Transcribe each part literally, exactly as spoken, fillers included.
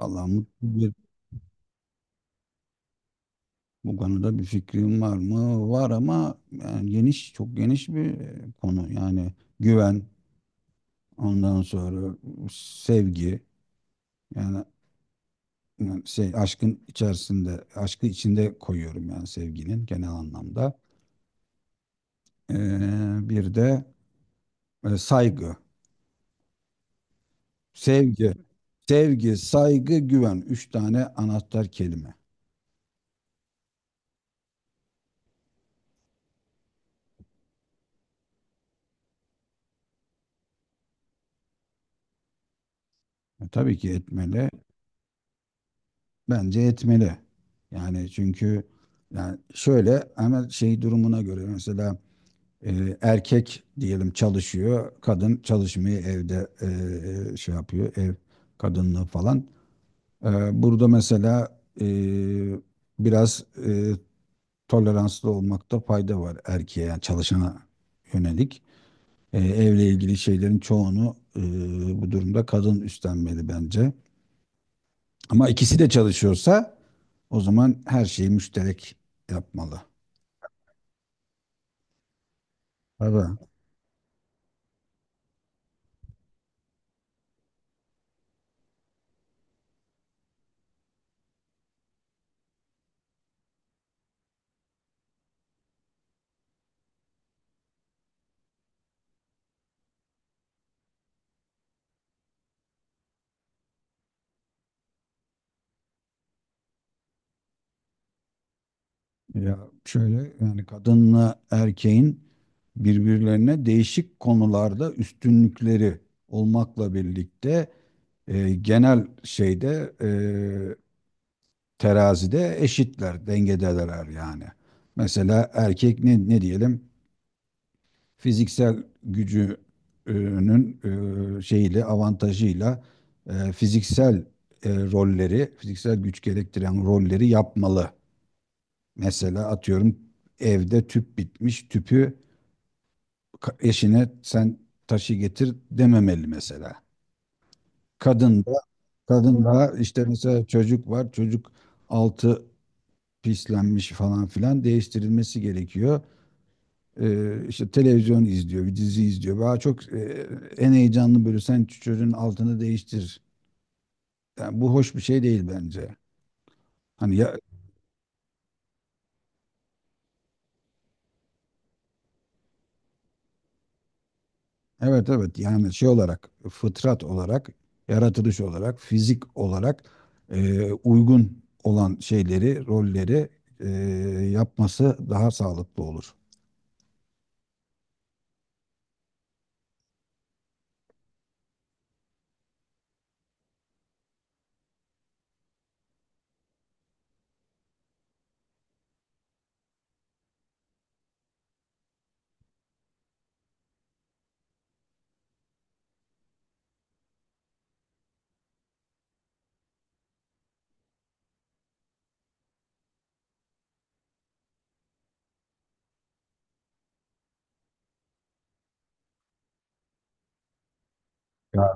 Vallahi mutlu bir bu konuda bir fikrim var mı? Var ama yani geniş çok geniş bir e, konu. Yani güven, ondan sonra sevgi yani, yani şey aşkın içerisinde aşkı içinde koyuyorum yani sevginin genel anlamda. Ee, bir de e, saygı, sevgi, sevgi, saygı, güven. Üç tane anahtar kelime. E, tabii ki etmeli. Bence etmeli. Yani çünkü yani şöyle ama şey durumuna göre mesela e, erkek diyelim çalışıyor, kadın çalışmıyor evde e, şey yapıyor ev kadınlığı falan. E, Burada mesela e, biraz e, toleranslı olmakta fayda var erkeğe yani çalışana yönelik. E, evle ilgili şeylerin çoğunu e, bu durumda kadın üstlenmeli bence. Ama ikisi de çalışıyorsa o zaman her şeyi müşterek yapmalı. Tabii. Ya şöyle yani kadınla erkeğin birbirlerine değişik konularda üstünlükleri olmakla birlikte e, genel şeyde e, terazide eşitler, dengedeler yani. Mesela erkek ne, ne diyelim? Fiziksel gücünün e, şeyiyle avantajıyla e, fiziksel e, rolleri, fiziksel güç gerektiren rolleri yapmalı. Mesela atıyorum evde tüp bitmiş, tüpü eşine sen taşı getir dememeli mesela. Kadın da, kadın da işte mesela çocuk var, çocuk altı pislenmiş falan filan değiştirilmesi gerekiyor. Ee, işte televizyon izliyor, bir dizi izliyor. Daha çok e, en heyecanlı böyle sen çocuğun altını değiştir. Yani bu hoş bir şey değil bence. Hani ya, evet evet yani şey olarak fıtrat olarak yaratılış olarak fizik olarak e, uygun olan şeyleri rolleri e, yapması daha sağlıklı olur. Ya.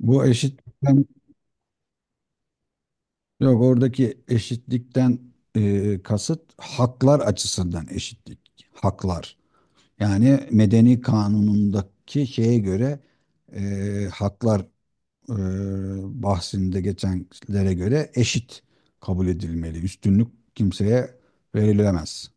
Bu eşitlikten Yok, oradaki eşitlikten e, kasıt haklar açısından eşitlik. Haklar. Yani medeni kanunundaki şeye göre e, haklar e, bahsinde geçenlere göre eşit kabul edilmeli. Üstünlük kimseye verilemez.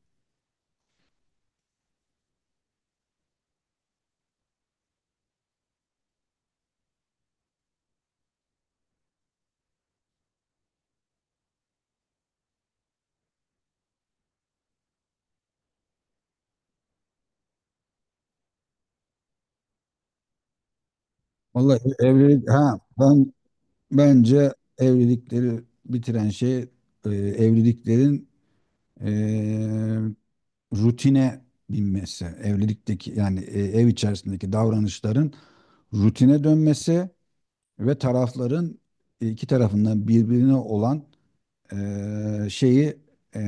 Vallahi evlilik ha ben bence evlilikleri bitiren şey e, evliliklerin e, rutine binmesi, evlilikteki yani e, ev içerisindeki davranışların rutine dönmesi ve tarafların iki tarafından birbirine olan e, şeyi e,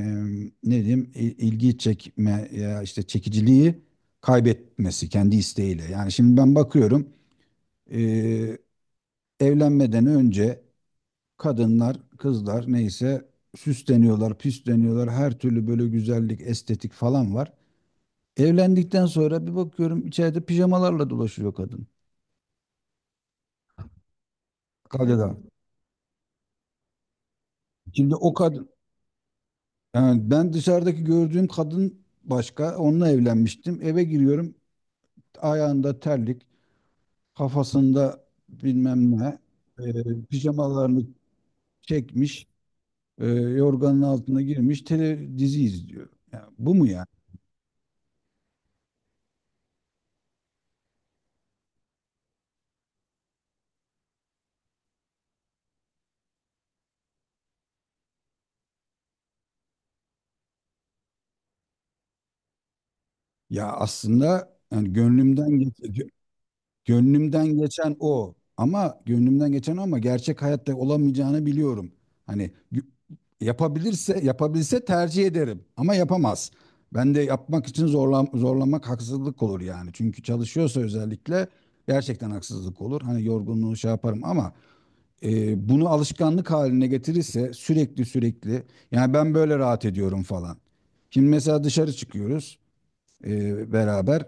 ne diyeyim, il- ilgi çekme ya işte çekiciliği kaybetmesi kendi isteğiyle. Yani şimdi ben bakıyorum e, evlenmeden önce kadınlar, kızlar neyse süsleniyorlar, püsleniyorlar. Her türlü böyle güzellik, estetik falan var. Evlendikten sonra bir bakıyorum içeride pijamalarla dolaşıyor kadın. Kadın. Şimdi o kadın yani ben dışarıdaki gördüğüm kadın başka. Onunla evlenmiştim. Eve giriyorum. Ayağında terlik, kafasında bilmem ne, e, pijamalarını çekmiş, e, yorganın altına girmiş, tele, dizi izliyor. Ya bu mu ya? Ya aslında yani gönlümden geçti. Gönlümden geçen o. Ama gönlümden geçen o ama gerçek hayatta olamayacağını biliyorum. Hani gü- yapabilirse yapabilse tercih ederim ama yapamaz. Ben de yapmak için zorla, zorlamak haksızlık olur yani. Çünkü çalışıyorsa özellikle gerçekten haksızlık olur. Hani yorgunluğu şey yaparım ama e, bunu alışkanlık haline getirirse sürekli sürekli yani ben böyle rahat ediyorum falan. Şimdi mesela dışarı çıkıyoruz e, beraber.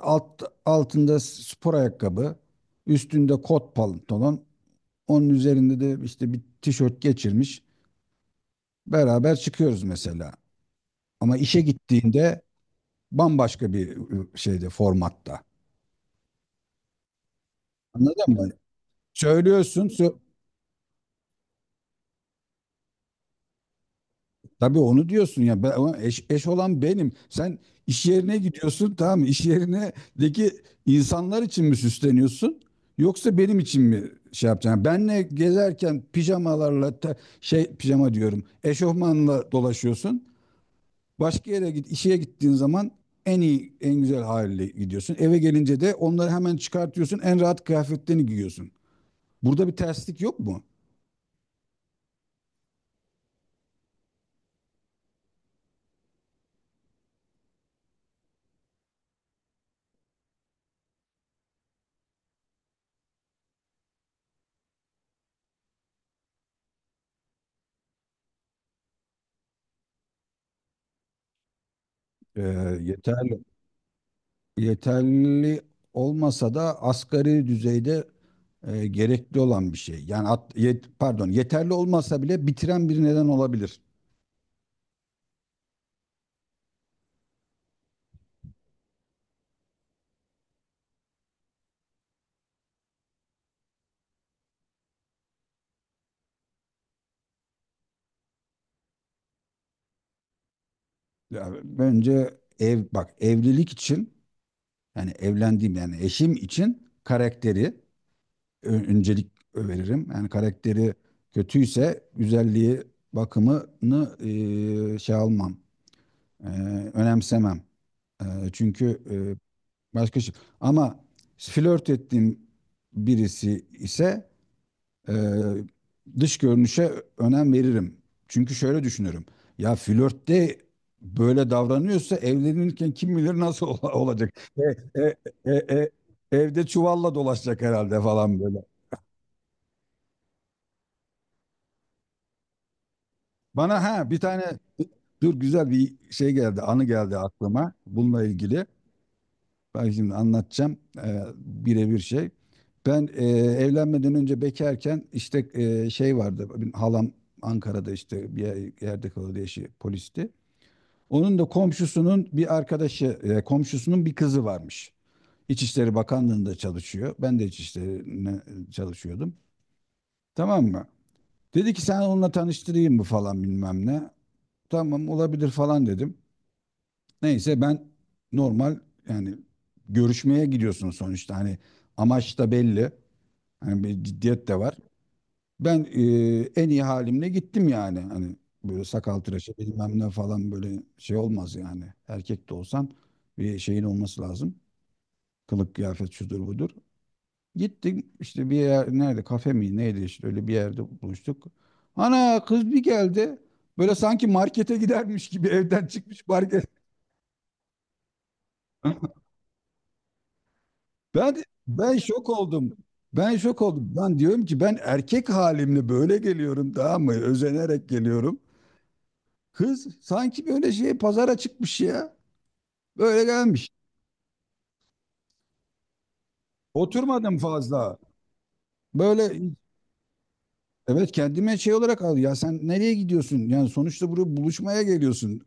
Alt, altında spor ayakkabı, üstünde kot pantolon, onun üzerinde de işte bir tişört geçirmiş. Beraber çıkıyoruz mesela. Ama işe gittiğinde bambaşka bir e, şeyde formatta. Anladın mı? Söylüyorsun, sö- Tabii onu diyorsun ya. Ben, ama eş, eş olan benim. Sen iş yerine gidiyorsun tamam mı? İş yerindeki insanlar için mi süsleniyorsun? Yoksa benim için mi şey yapacaksın? Yani benle gezerken pijamalarla te- şey pijama diyorum. Eşofmanla dolaşıyorsun. Başka yere git, işe gittiğin zaman en iyi, en güzel haliyle gidiyorsun. Eve gelince de onları hemen çıkartıyorsun. En rahat kıyafetlerini giyiyorsun. Burada bir terslik yok mu? Ee, Yeterli. Yeterli olmasa da asgari düzeyde e, gerekli olan bir şey. Yani at- yet- pardon, yeterli olmasa bile bitiren bir neden olabilir. Yani bence ev bak evlilik için yani evlendiğim yani eşim için karakteri ö- öncelik veririm. Yani karakteri kötüyse güzelliği bakımını e, şey almam e, önemsemem. E, Çünkü e, başka şey. Ama flört ettiğim birisi ise e, dış görünüşe önem veririm. Çünkü şöyle düşünürüm. Ya flörtte böyle davranıyorsa evlenirken kim bilir nasıl ola- olacak. E, e, e, e, evde çuvalla dolaşacak herhalde falan böyle. Bana ha bir tane dur güzel bir şey geldi, anı geldi aklıma bununla ilgili. Bak şimdi anlatacağım e, birebir şey. Ben e, evlenmeden önce bekarken işte e, şey vardı. Benim halam Ankara'da işte bir yer- yerde kalıyordu, eşi polisti. Onun da komşusunun bir arkadaşı, e, komşusunun bir kızı varmış. İçişleri Bakanlığı'nda çalışıyor. Ben de İçişleri'ne çalışıyordum. Tamam mı? Dedi ki sen onunla tanıştırayım mı falan bilmem ne. Tamam olabilir falan dedim. Neyse ben normal yani görüşmeye gidiyorsun sonuçta hani amaç da belli. Hani bir ciddiyet de var. Ben e, en iyi halimle gittim yani. Hani böyle sakal tıraşı bilmem ne falan böyle şey olmaz yani. Erkek de olsan bir şeyin olması lazım. Kılık kıyafet şudur budur. Gittim işte bir yer nerede, kafe mi neydi işte öyle bir yerde buluştuk. Ana kız bir geldi. Böyle sanki markete gidermiş gibi evden çıkmış market. Ben ben şok oldum. Ben şok oldum. Ben diyorum ki ben erkek halimle böyle geliyorum tamam mı? Özenerek geliyorum. Kız sanki böyle şey pazara çıkmış ya. Böyle gelmiş. Oturmadım fazla. Böyle evet kendime şey olarak al. Ya sen nereye gidiyorsun? Yani sonuçta buraya buluşmaya geliyorsun.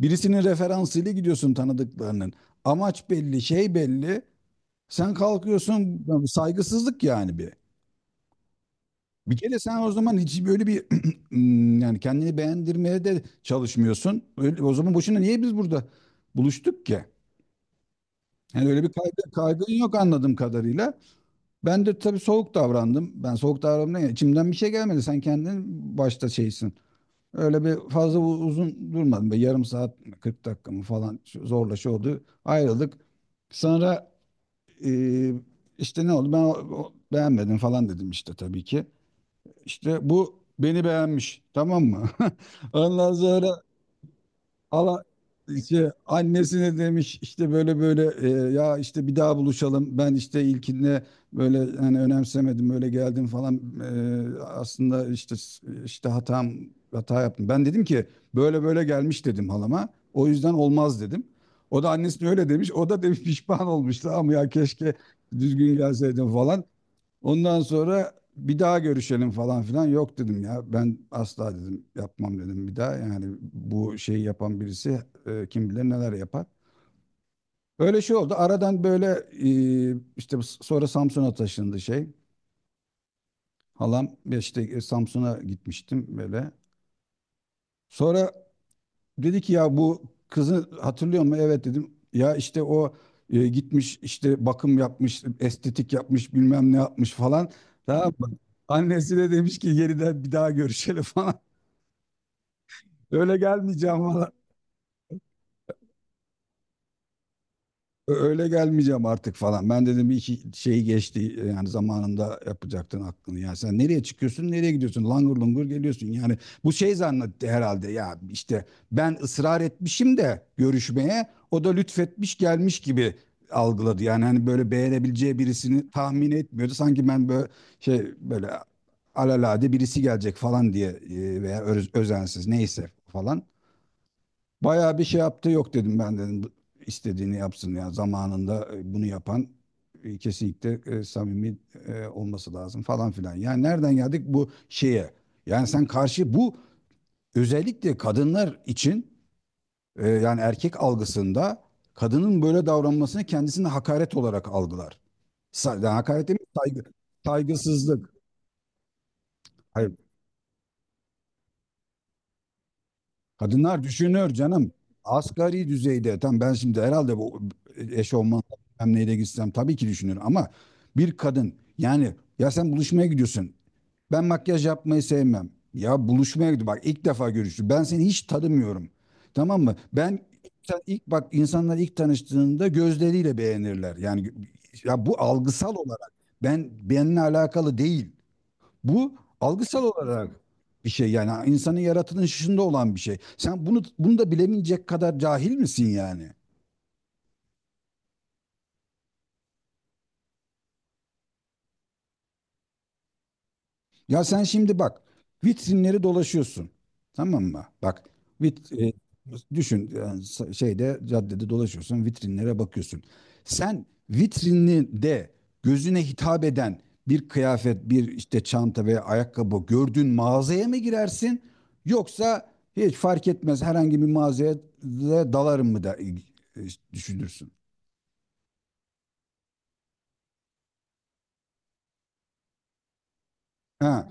Birisinin referansıyla gidiyorsun tanıdıklarının. Amaç belli, şey belli. Sen kalkıyorsun yani saygısızlık yani bir. Bir kere sen o zaman hiç böyle bir yani kendini beğendirmeye de çalışmıyorsun. Öyle, o zaman boşuna niye biz burada buluştuk ki? Yani öyle bir kaygı, kaygın yok anladığım kadarıyla. Ben de tabii soğuk davrandım. Ben soğuk davrandım derken içimden bir şey gelmedi. Sen kendin başta şeysin. Öyle bir fazla u- uzun durmadım. Böyle yarım saat, kırk dakika mı falan şu- zorla şey oldu. Ayrıldık. Sonra e, işte ne oldu? Ben o- o- beğenmedim falan dedim işte tabii ki. İşte bu beni beğenmiş tamam mı? Ondan sonra ala işte annesine demiş işte böyle böyle e, ya işte bir daha buluşalım. Ben işte ilkinde böyle hani önemsemedim böyle geldim falan. E, aslında işte işte hatam hata yaptım. Ben dedim ki böyle böyle gelmiş dedim halama. O yüzden olmaz dedim. O da annesine öyle demiş. O da demiş pişman olmuş ama ya keşke düzgün gelseydim falan. Ondan sonra bir daha görüşelim falan filan. Yok dedim ya. Ben asla dedim yapmam dedim bir daha. Yani bu şeyi yapan birisi e, kim bilir neler yapar. Öyle şey oldu. Aradan böyle e, işte sonra Samsun'a taşındı şey. Halam işte e, Samsun'a gitmiştim böyle. Sonra dedi ki ya bu kızı hatırlıyor musun? Evet dedim. Ya işte o e, gitmiş işte bakım yapmış, estetik yapmış, bilmem ne yapmış falan. Tamam mı? Annesi de demiş ki geriden bir daha görüşelim falan. Öyle gelmeyeceğim falan. Ö- Öyle gelmeyeceğim artık falan. Ben dedim bir iki şey geçti e, yani zamanında yapacaktın aklını. Yani sen nereye çıkıyorsun, nereye gidiyorsun? Langır lungur geliyorsun. Yani bu şey zannetti herhalde ya işte ben ısrar etmişim de görüşmeye o da lütfetmiş gelmiş gibi algıladı. Yani hani böyle beğenebileceği birisini tahmin etmiyordu. Sanki ben böyle şey böyle alalade birisi gelecek falan diye e, veya öz- özensiz neyse falan. Bayağı bir şey yaptı, yok dedim, ben dedim istediğini yapsın, ya zamanında e, bunu yapan e, kesinlikle e, samimi e, olması lazım falan filan. Yani nereden geldik bu şeye? Yani sen karşı bu özellikle kadınlar için e, yani erkek algısında kadının böyle davranmasını kendisine hakaret olarak algılar. Sa- yani hakaret değil mi? Saygı, saygısızlık. Hayır, kadınlar düşünür canım. Asgari düzeyde tam ben şimdi herhalde bu eşofman bilmem neyle gitsem tabii ki düşünür ama bir kadın yani ya sen buluşmaya gidiyorsun. Ben makyaj yapmayı sevmem. Ya buluşmaya gidiyor. Bak ilk defa görüştük. Ben seni hiç tanımıyorum. Tamam mı? Ben sen ilk bak, insanlar ilk tanıştığında gözleriyle beğenirler. Yani ya bu algısal olarak ben benimle alakalı değil. Bu algısal olarak bir şey yani insanın yaratılışında olan bir şey. Sen bunu bunu da bilemeyecek kadar cahil misin yani? Ya sen şimdi bak vitrinleri dolaşıyorsun. Tamam mı? Bak vit, e, düşün yani sa- şeyde caddede dolaşıyorsun vitrinlere bakıyorsun. Sen vitrininde gözüne hitap eden bir kıyafet, bir işte çanta veya ayakkabı gördüğün mağazaya mı girersin? Yoksa hiç fark etmez herhangi bir mağazaya da dalarım mı da e, e, düşünürsün? Ha.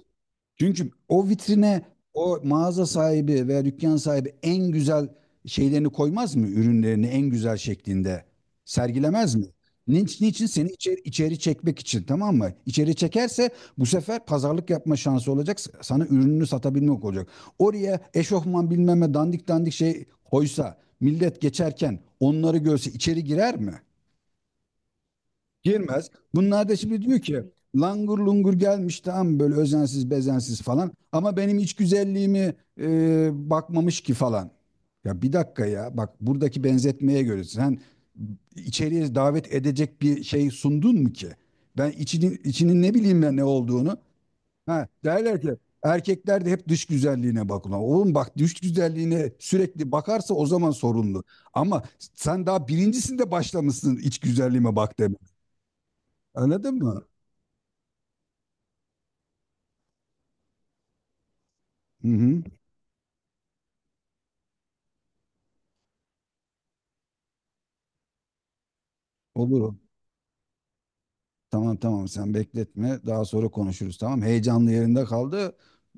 Çünkü o vitrine o mağaza sahibi veya dükkan sahibi en güzel şeylerini koymaz mı? Ürünlerini en güzel şeklinde sergilemez mi? Niçin, niçin seni içeri, içeri çekmek için? Tamam mı? İçeri çekerse bu sefer pazarlık yapma şansı olacak. s- Sana ürününü satabilmek olacak. Oraya eşofman bilmem ne dandik dandik şey koysa millet geçerken onları görse içeri girer mi? Girmez. Bunlar da şimdi diyor ki langur lungur gelmiş, tamam böyle özensiz bezensiz falan, ama benim iç güzelliğimi e, bakmamış ki falan. Ya bir dakika ya, bak buradaki benzetmeye göre sen içeriye davet edecek bir şey sundun mu ki? Ben içinin, içinin ne bileyim ben ne olduğunu. Ha, derler ki erkekler de hep dış güzelliğine bakıyorlar. Oğlum bak, dış güzelliğine sürekli bakarsa o zaman sorunlu. Ama sen daha birincisinde başlamışsın iç güzelliğime bak demeye. Anladın mı? Hı hı. Olur. O. Tamam tamam sen bekletme. Daha sonra konuşuruz tamam. Heyecanlı yerinde kaldı.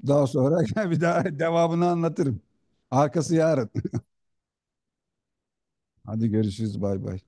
Daha sonra bir daha devamını anlatırım. Arkası yarın. Hadi görüşürüz bay bay.